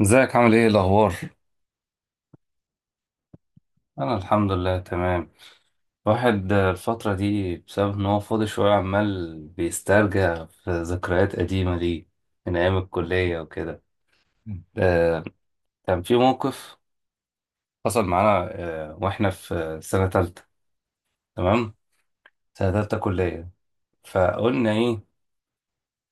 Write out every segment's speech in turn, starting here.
ازيك؟ عامل ايه؟ إيه الاخبار؟ انا الحمد لله تمام. واحد الفتره دي بسبب ان هو فاضي شويه عمال بيسترجع في ذكريات قديمه ليه، من ايام الكليه وكده. آه، كان في موقف حصل معانا، آه، واحنا في سنه تالتة. تمام، سنه تالتة كليه. فقلنا ايه؟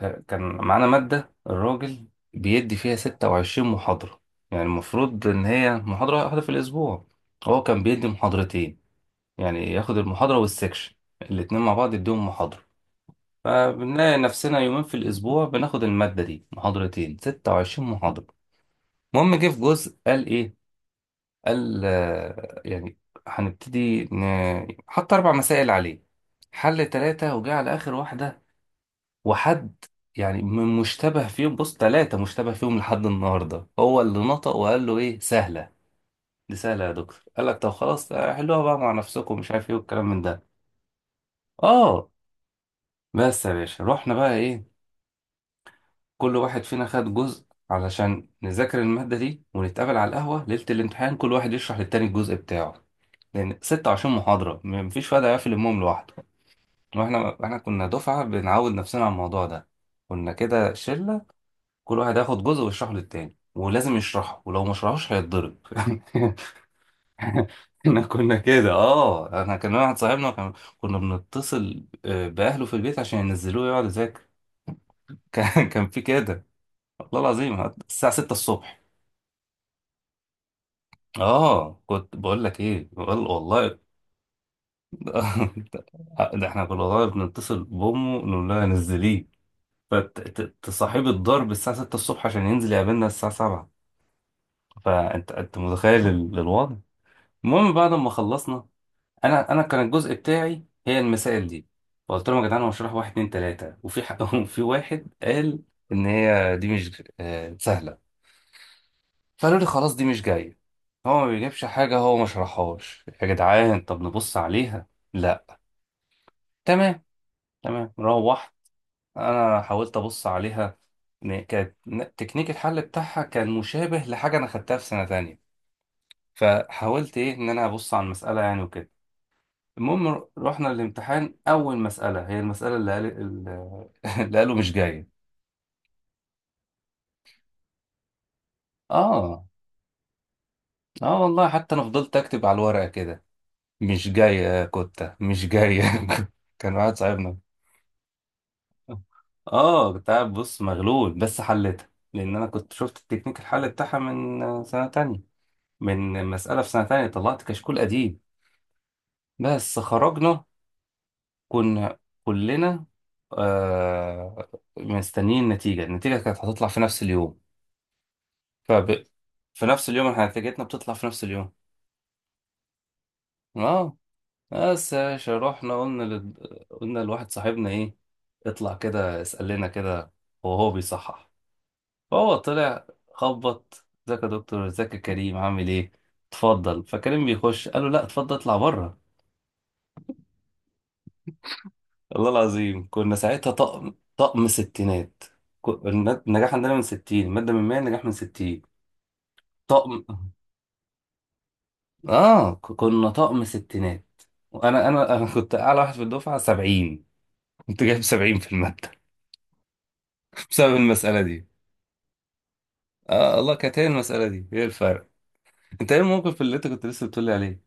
كان معانا ماده الراجل بيدي فيها 26 محاضره. يعني المفروض ان هي محاضره واحده في الاسبوع، هو كان بيدي محاضرتين، يعني ياخد المحاضرة والسكشن الاتنين مع بعض يديهم محاضرة. فبنلاقي نفسنا يومين في الأسبوع بناخد المادة دي محاضرتين، ستة وعشرين محاضرة. المهم جه في جزء قال إيه؟ قال يعني هنبتدي حط أربع مسائل عليه، حل تلاتة وجه على آخر واحدة وحد، يعني من مشتبه فيهم. بص، تلاتة مشتبه فيهم لحد النهاردة هو اللي نطق وقال له إيه سهلة، دي سهلة يا دكتور. قال لك طب خلاص، حلوها بقى مع نفسكم، مش عارف إيه والكلام من ده. اه، بس يا باشا رحنا بقى ايه، كل واحد فينا خد جزء علشان نذاكر المادة دي ونتقابل على القهوة ليلة الامتحان، كل واحد يشرح للتاني الجزء بتاعه، لأن 26 محاضرة مفيش واحد هيقفل المهم لوحده. احنا كنا دفعة بنعود نفسنا على الموضوع ده، كنا كده شلة، كل واحد هياخد جزء ويشرحه للتاني، ولازم يشرحه ولو ما شرحوش هيتضرب. احنا كنا كده. اه، انا كان واحد صاحبنا كنا بنتصل بأهله في البيت عشان ينزلوه يقعد يذاكر. كان في كده، والله العظيم الساعة 6 الصبح. اه، كنت بقول لك ايه؟ والله والله ده احنا كنا والله بنتصل بامه نقول لها نزليه، فتصاحب الضرب الساعة 6 الصبح عشان ينزل يقابلنا الساعة 7. فانت متخيل الوضع. المهم بعد ما خلصنا، انا كان الجزء بتاعي هي المسائل دي. فقلت لهم يا جدعان هو هشرح واحد اتنين تلاتة وفي حق. وفي واحد قال ان هي دي مش سهلة. فقالوا لي خلاص، دي مش جاية، هو ما بيجيبش حاجة، هو ما شرحهاش. يا جدعان طب نبص عليها. لا. تمام. تمام، روحت أنا حاولت أبص عليها، إن كانت تكنيك الحل بتاعها كان مشابه لحاجة أنا خدتها في سنة تانية. فحاولت إيه، إن أنا أبص على المسألة يعني وكده. المهم رحنا الامتحان، أول مسألة هي المسألة اللي قال اللي قالوا مش جاية. آه. آه والله، حتى أنا فضلت أكتب على الورقة كده، مش جاية يا كتة مش جاية. كان واحد صاحبنا. اه، كنت قاعد بص مغلول، بس حلتها لان انا كنت شفت التكنيك الحل بتاعها من سنه تانية، من مساله في سنه تانية طلعت كشكول قديم. بس خرجنا، كنا كلنا آه مستنيين النتيجه. النتيجه كانت هتطلع في نفس اليوم. فب... في نفس اليوم، احنا نتيجتنا بتطلع في نفس اليوم. اه، بس يا باشا رحنا قلنا لواحد صاحبنا ايه، اطلع كده اسال لنا كده وهو بيصحح. فهو طلع، خبط، ازيك يا دكتور، ازيك يا كريم، عامل ايه، اتفضل. فكريم بيخش، قال له لا اتفضل اطلع بره. والله العظيم كنا ساعتها طقم، طقم ستينات. النجاح عندنا من 60، المادة من 100، النجاح من 60. طقم. اه، كنا طقم ستينات. وانا انا انا كنت اعلى واحد في الدفعة، 70، كنت جايب 70 في المادة. بسبب المسألة دي. اه الله كانت هي المسألة دي هي الفرق. انت ايه الموقف اللي انت كنت لسه بتقولي عليه؟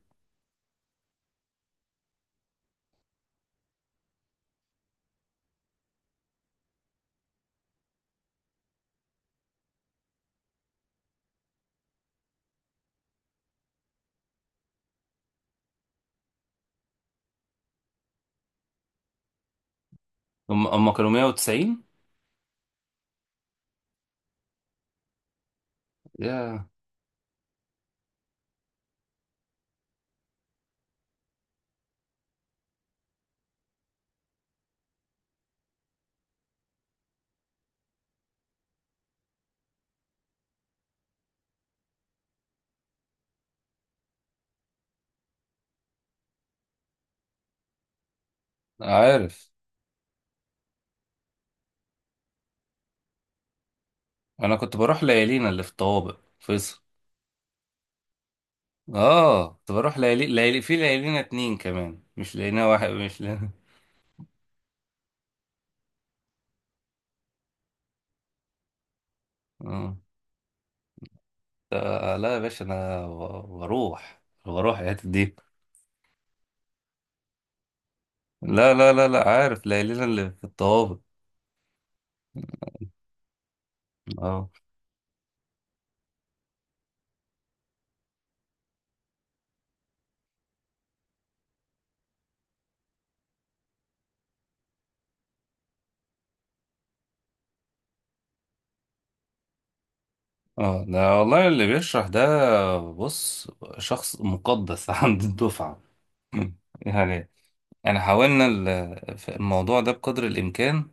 هم كانوا 190. يا عارف انا كنت بروح ليالينا اللي في الطوابق فيصل. اه، كنت بروح ليالي، ليالي في ليالينا اتنين كمان، مش ليالينا واحد، مش ليالينا. آه. آه لا يا باشا، بروح، بروح الحتت دي. لا لا لا لا، عارف ليالينا اللي في الطوابق. اه. اه، ده والله اللي بيشرح ده، بص، شخص مقدس عند الدفعة. يعني انا في الموضوع ده بقدر الامكان،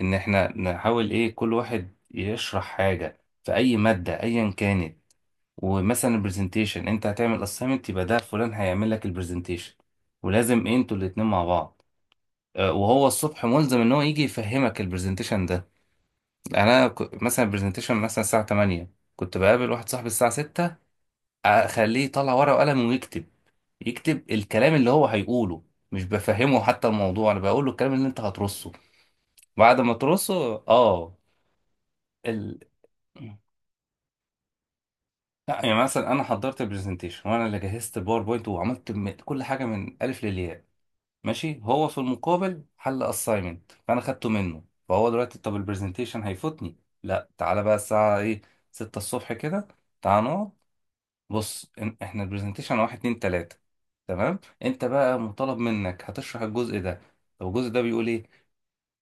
ان احنا نحاول ايه، كل واحد يشرح حاجة في اي مادة ايا كانت. ومثلا البرزنتيشن، انت هتعمل assignment، يبقى ده فلان هيعمل لك البرزنتيشن، ولازم انتوا الاتنين مع بعض، وهو الصبح ملزم ان هو يجي يفهمك البرزنتيشن ده. يعني انا مثلا البرزنتيشن مثلا الساعة 8، كنت بقابل واحد صاحبي الساعة 6، اخليه يطلع ورقة وقلم ويكتب، يكتب الكلام اللي هو هيقوله. مش بفهمه حتى الموضوع، انا بقول له الكلام اللي انت هترصه، بعد ما ترصه. اه ال... لا يعني مثلا انا حضرت البرزنتيشن وانا اللي جهزت الباوربوينت وعملت كل حاجه من الف للياء، ماشي. هو في المقابل حل اساينمنت فانا خدته منه. فهو دلوقتي، طب البرزنتيشن هيفوتني؟ لا، تعالى بقى الساعه ايه، 6 الصبح كده، تعالى نقعد. بص احنا البرزنتيشن واحد اتنين تلاته، تمام، انت بقى مطالب منك هتشرح الجزء ده. طب الجزء ده بيقول ايه؟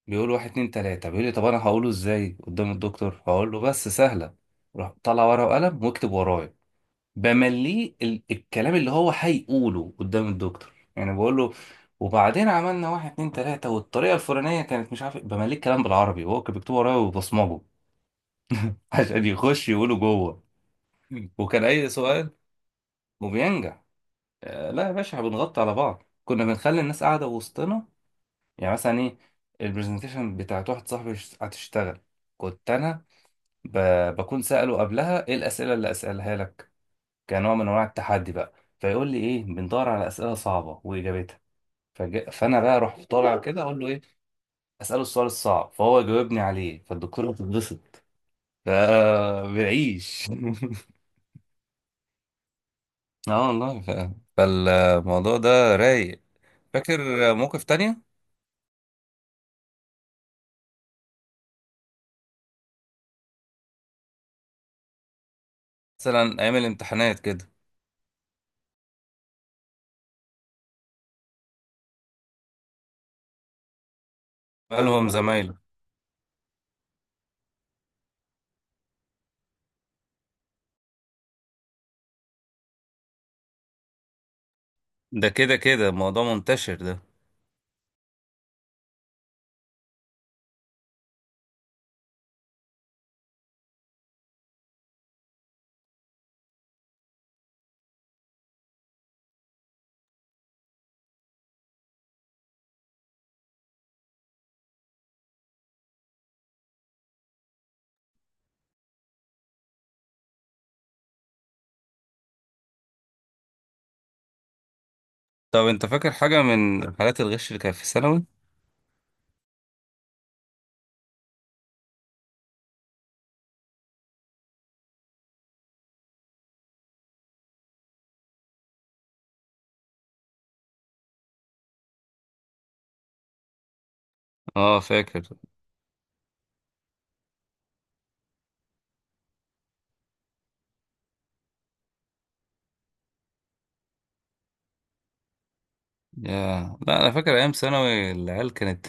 بيقول واحد اتنين تلاته. بيقول لي طب انا هقوله ازاي قدام الدكتور؟ هقول له، بس سهله، روح طلع ورقه وقلم واكتب ورايا. بمليه الكلام اللي هو هيقوله قدام الدكتور، يعني بقول له وبعدين عملنا واحد اتنين تلاتة والطريقة الفلانية كانت مش عارف إيه". بمليه الكلام بالعربي وهو كان بيكتبه ورايا وبصمجه عشان يخش يقوله جوه. وكان أي سؤال، وبينجح. لا يا باشا، إحنا بنغطي على بعض، كنا بنخلي الناس قاعدة وسطنا. يعني مثلا إيه، البرزنتيشن بتاعت واحد صاحبي هتشتغل، كنت أنا بكون سأله قبلها إيه الأسئلة اللي أسألها لك، كنوع من انواع التحدي بقى. فيقول لي ايه، بندور على اسئله صعبه واجابتها. فانا بقى اروح طالع كده اقول له ايه، اساله السؤال الصعب، فهو يجاوبني عليه، فالدكتوره بتتبسط. ف بنعيش. اه والله. فالموضوع ده رايق. فاكر موقف تانية؟ مثلا ايام الامتحانات كده. قالهم زمايله. ده كده كده موضوع منتشر ده. طب انت فاكر حاجه من حالات الغش اللي كانت في ثانوي؟ اه فاكر. يا لا، انا فاكر ايام ثانوي العيال كانت،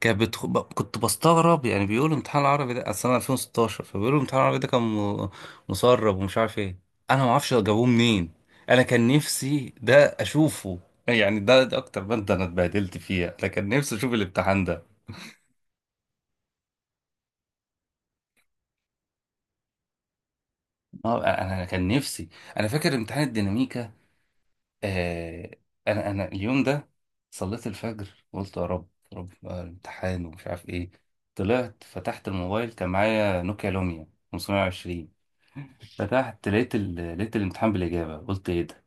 كنت بستغرب يعني، بيقولوا امتحان العربي ده، اصل انا 2016، فبيقولوا امتحان العربي ده كان مسرب ومش عارف ايه. انا ما اعرفش جابوه منين. انا كان نفسي ده اشوفه. يعني ده, ده اكتر ماده انا اتبهدلت فيها، انا كان نفسي اشوف الامتحان ده. آه، انا أنا كان نفسي انا فاكر امتحان الديناميكا. آه، انا اليوم ده صليت الفجر، قلت يا رب يا رب بقى الامتحان ومش عارف ايه. طلعت فتحت الموبايل كان معايا نوكيا لوميا 520. فتحت لقيت لقيت الامتحان بالاجابه. قلت ايه ده،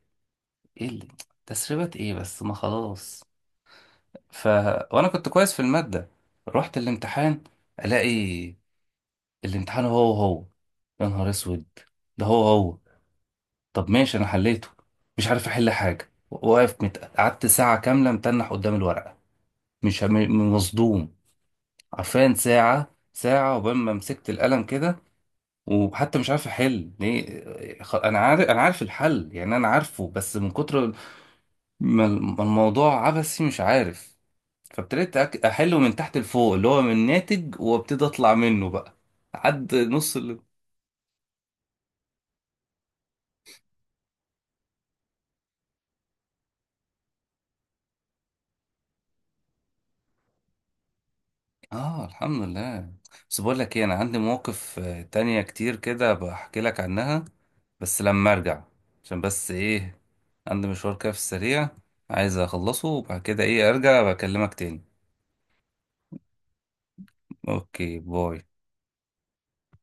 ايه اللي... تسريبات ايه؟ بس ما خلاص. ف وانا كنت كويس في الماده، رحت الامتحان، الاقي الامتحان هو هو. يا نهار اسود، ده هو هو. طب ماشي انا حليته، مش عارف احل حاجه، واقف قعدت ساعه كامله متنح قدام الورقه، مش هم- مصدوم. عارفين ساعة، ساعة عقبال ما مسكت القلم كده، وحتى مش عارف احل ليه. انا عارف الحل، يعني انا عارفه، بس من كتر ما الموضوع عبثي مش عارف. احله من تحت لفوق، اللي هو من ناتج، وابتدي اطلع منه بقى، عد نص. اه الحمد لله. بس بقول لك ايه، انا عندي مواقف تانية كتير كده بحكي لك عنها، بس لما ارجع، عشان بس ايه، عندي مشوار كده في السريع عايز اخلصه، وبعد كده ايه ارجع بكلمك تاني. اوكي، باي.